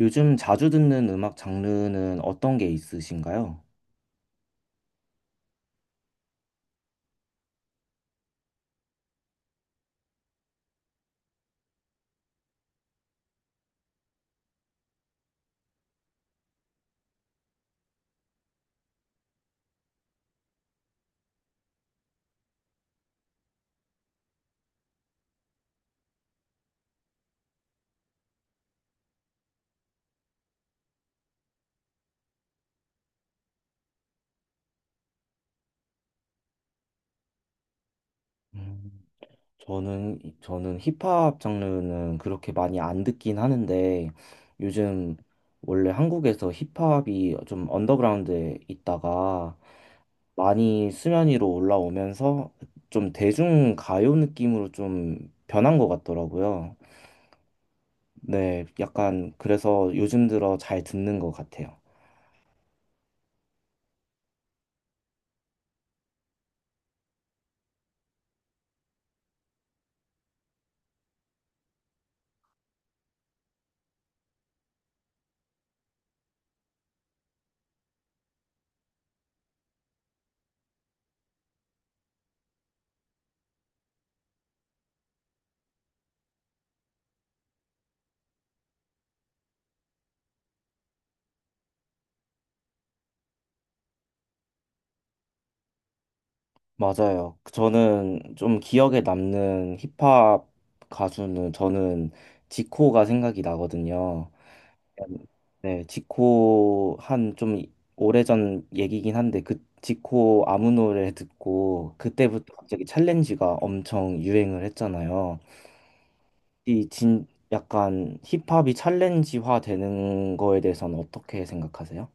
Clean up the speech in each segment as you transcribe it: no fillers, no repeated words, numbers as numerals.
요즘 자주 듣는 음악 장르는 어떤 게 있으신가요? 음, 저는 힙합 장르는 그렇게 많이 안 듣긴 하는데, 요즘 원래 한국에서 힙합이 좀 언더그라운드에 있다가 많이 수면 위로 올라오면서 좀 대중 가요 느낌으로 좀 변한 것 같더라고요. 네, 약간 그래서 요즘 들어 잘 듣는 것 같아요. 맞아요. 그 저는 좀 기억에 남는 힙합 가수는 저는 지코가 생각이 나거든요. 네, 지코 한 좀 오래전 얘기긴 한데 그 지코 아무 노래 듣고 그때부터 갑자기 챌린지가 엄청 유행을 했잖아요. 이 진 약간 힙합이 챌린지화 되는 거에 대해서는 어떻게 생각하세요?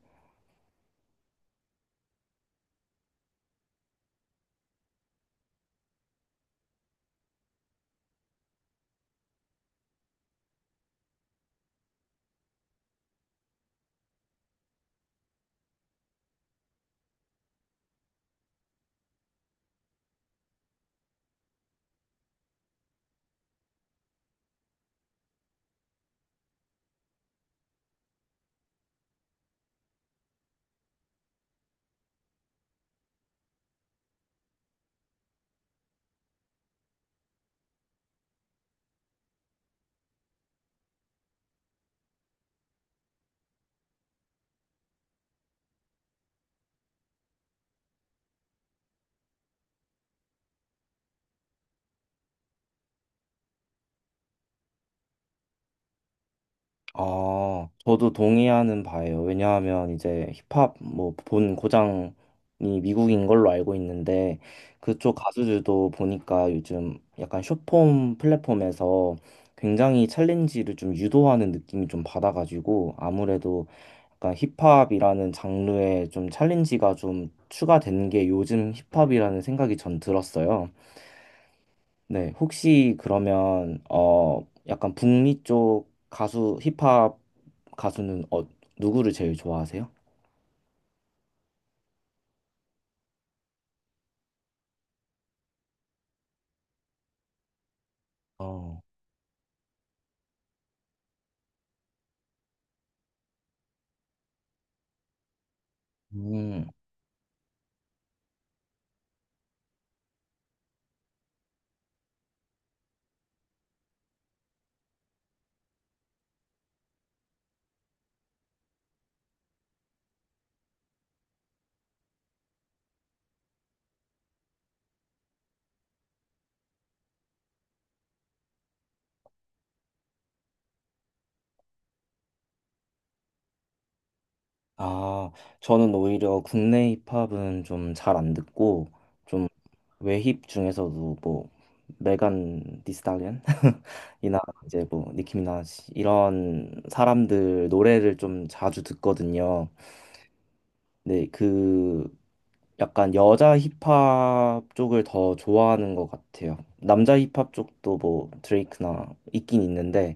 아, 저도 동의하는 바예요. 왜냐하면 이제 힙합 뭐 본 고장이 미국인 걸로 알고 있는데 그쪽 가수들도 보니까 요즘 약간 숏폼 플랫폼에서 굉장히 챌린지를 좀 유도하는 느낌이 좀 받아가지고 아무래도 약간 힙합이라는 장르에 좀 챌린지가 좀 추가된 게 요즘 힙합이라는 생각이 전 들었어요. 네, 혹시 그러면 어 약간 북미 쪽 가수 힙합 가수는 어 누구를 제일 좋아하세요? 어. 음. 아, 저는 오히려 국내 힙합은 좀 잘 안 듣고 좀 외힙 중에서도 뭐 메간 디스탈리언 이나 이제 뭐 니키 미나지 이런 사람들 노래를 좀 자주 듣거든요. 네, 그 약간 여자 힙합 쪽을 더 좋아하는 것 같아요. 남자 힙합 쪽도 뭐 드레이크나 있긴 있는데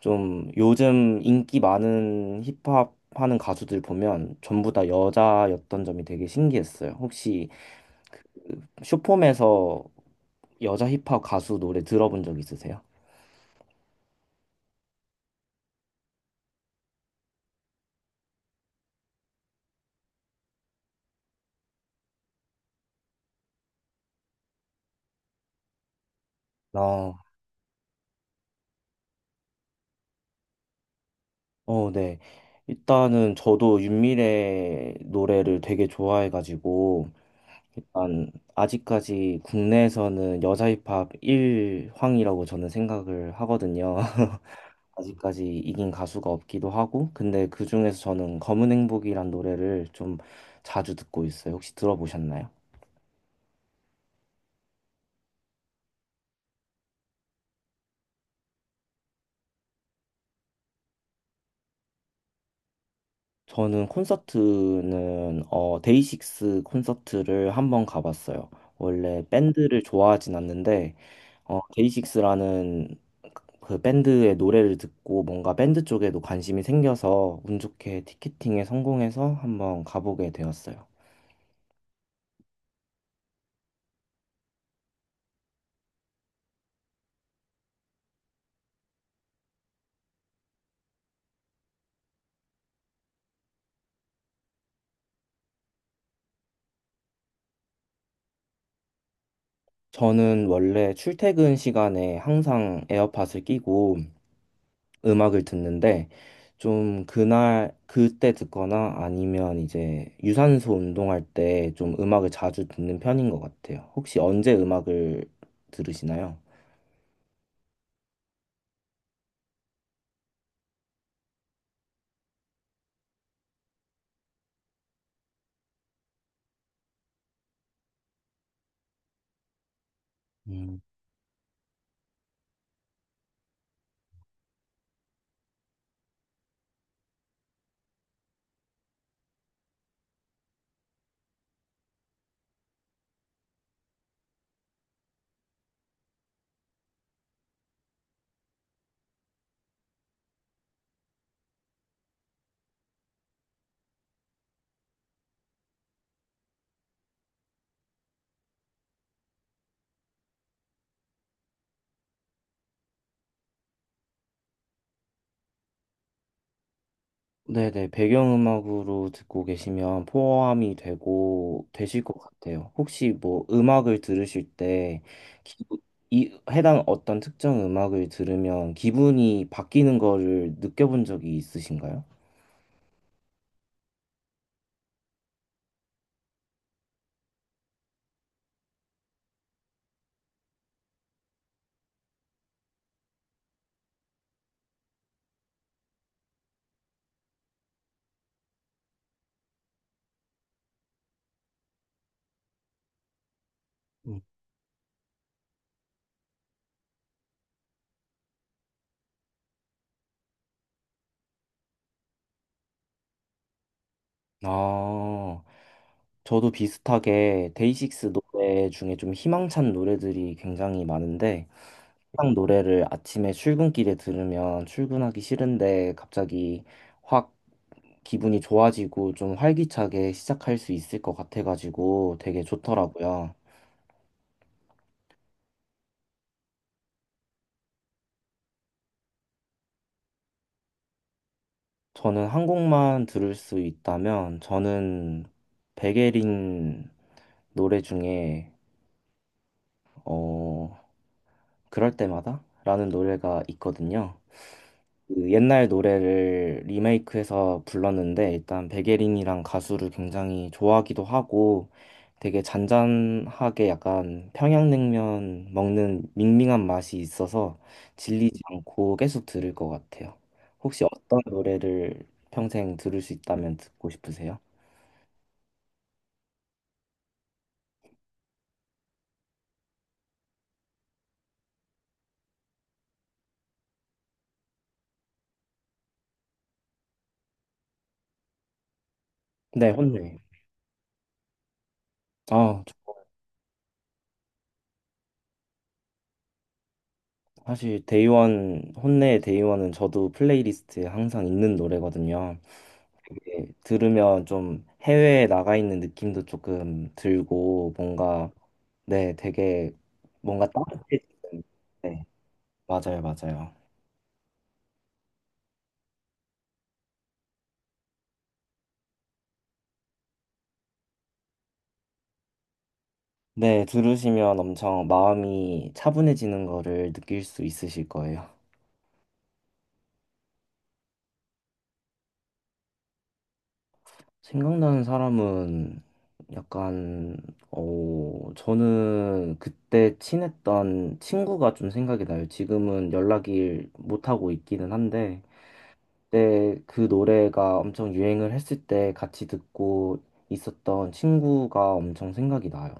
좀 요즘 인기 많은 힙합 하는 가수들 보면 전부 다 여자였던 점이 되게 신기했어요. 혹시 쇼폼에서 여자 힙합 가수 노래 들어본 적 있으세요? 아, 어, 네. 일단은 저도 윤미래 노래를 되게 좋아해가지고 일단 아직까지 국내에서는 여자 힙합 일황이라고 저는 생각을 하거든요. 아직까지 이긴 가수가 없기도 하고, 근데 그중에서 저는 검은 행복이란 노래를 좀 자주 듣고 있어요. 혹시 들어보셨나요? 저는 콘서트는 어 데이식스 콘서트를 한번 가봤어요. 원래 밴드를 좋아하진 않는데 어 데이식스라는 그 밴드의 노래를 듣고 뭔가 밴드 쪽에도 관심이 생겨서 운 좋게 티켓팅에 성공해서 한번 가보게 되었어요. 저는 원래 출퇴근 시간에 항상 에어팟을 끼고 음악을 듣는데 좀 그날 그때 듣거나 아니면 이제 유산소 운동할 때 좀 음악을 자주 듣는 편인 것 같아요. 혹시 언제 음악을 들으시나요? 음. 네네, 배경음악으로 듣고 계시면 포함이 되고, 되실 것 같아요. 혹시 뭐 음악을 들으실 때, 기- 이, 해당 어떤 특정 음악을 들으면 기분이 바뀌는 거를 느껴본 적이 있으신가요? 음. 아, 저도 비슷하게 데이식스 노래 중에 좀 희망찬 노래들이 굉장히 많은데 희망 노래를 아침에 출근길에 들으면 출근하기 싫은데 갑자기 확 기분이 좋아지고 좀 활기차게 시작할 수 있을 것 같아가지고 되게 좋더라고요. 저는 한 곡만 들을 수 있다면 저는 백예린 노래 중에 어 그럴 때마다라는 노래가 있거든요. 그 옛날 노래를 리메이크해서 불렀는데 일단 백예린이랑 가수를 굉장히 좋아하기도 하고 되게 잔잔하게 약간 평양냉면 먹는 밍밍한 맛이 있어서 질리지 않고 계속 들을 것 같아요. 혹시 어떤 노래를 평생 들을 수 있다면 듣고 싶으세요? 네, 혼내. 아, 저- 사실 데이원, 혼내의 데이원은 저도 플레이리스트에 항상 있는 노래거든요. 예, 들으면 좀 해외에 나가 있는 느낌도 조금 들고 뭔가 네, 되게 뭔가 따뜻해지는 네, 맞아요, 맞아요. 네, 들으시면 엄청 마음이 차분해지는 거를 느낄 수 있으실 거예요. 생각나는 사람은 약간 어, 저는 그때 친했던 친구가 좀 생각이 나요. 지금은 연락을 못 하고 있기는 한데 그때 그 노래가 엄청 유행을 했을 때 같이 듣고 있었던 친구가 엄청 생각이 나요.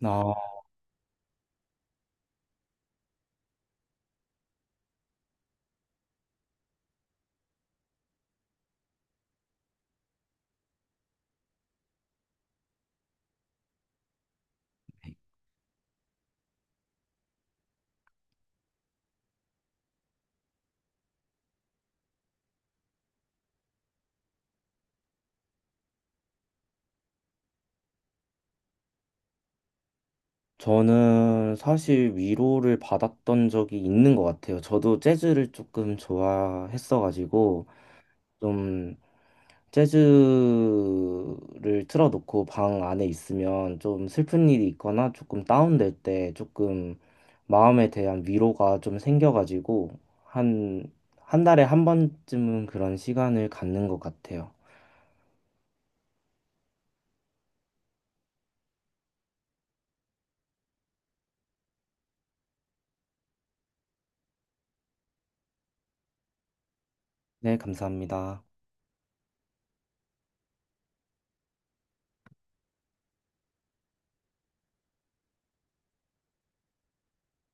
나 저는 사실 위로를 받았던 적이 있는 것 같아요. 저도 재즈를 조금 좋아했어가지고 좀 재즈를 틀어놓고 방 안에 있으면 좀 슬픈 일이 있거나 조금 다운될 때 조금 마음에 대한 위로가 좀 생겨가지고 한, 한 달에 한 번쯤은 그런 시간을 갖는 것 같아요. 네, 감사합니다.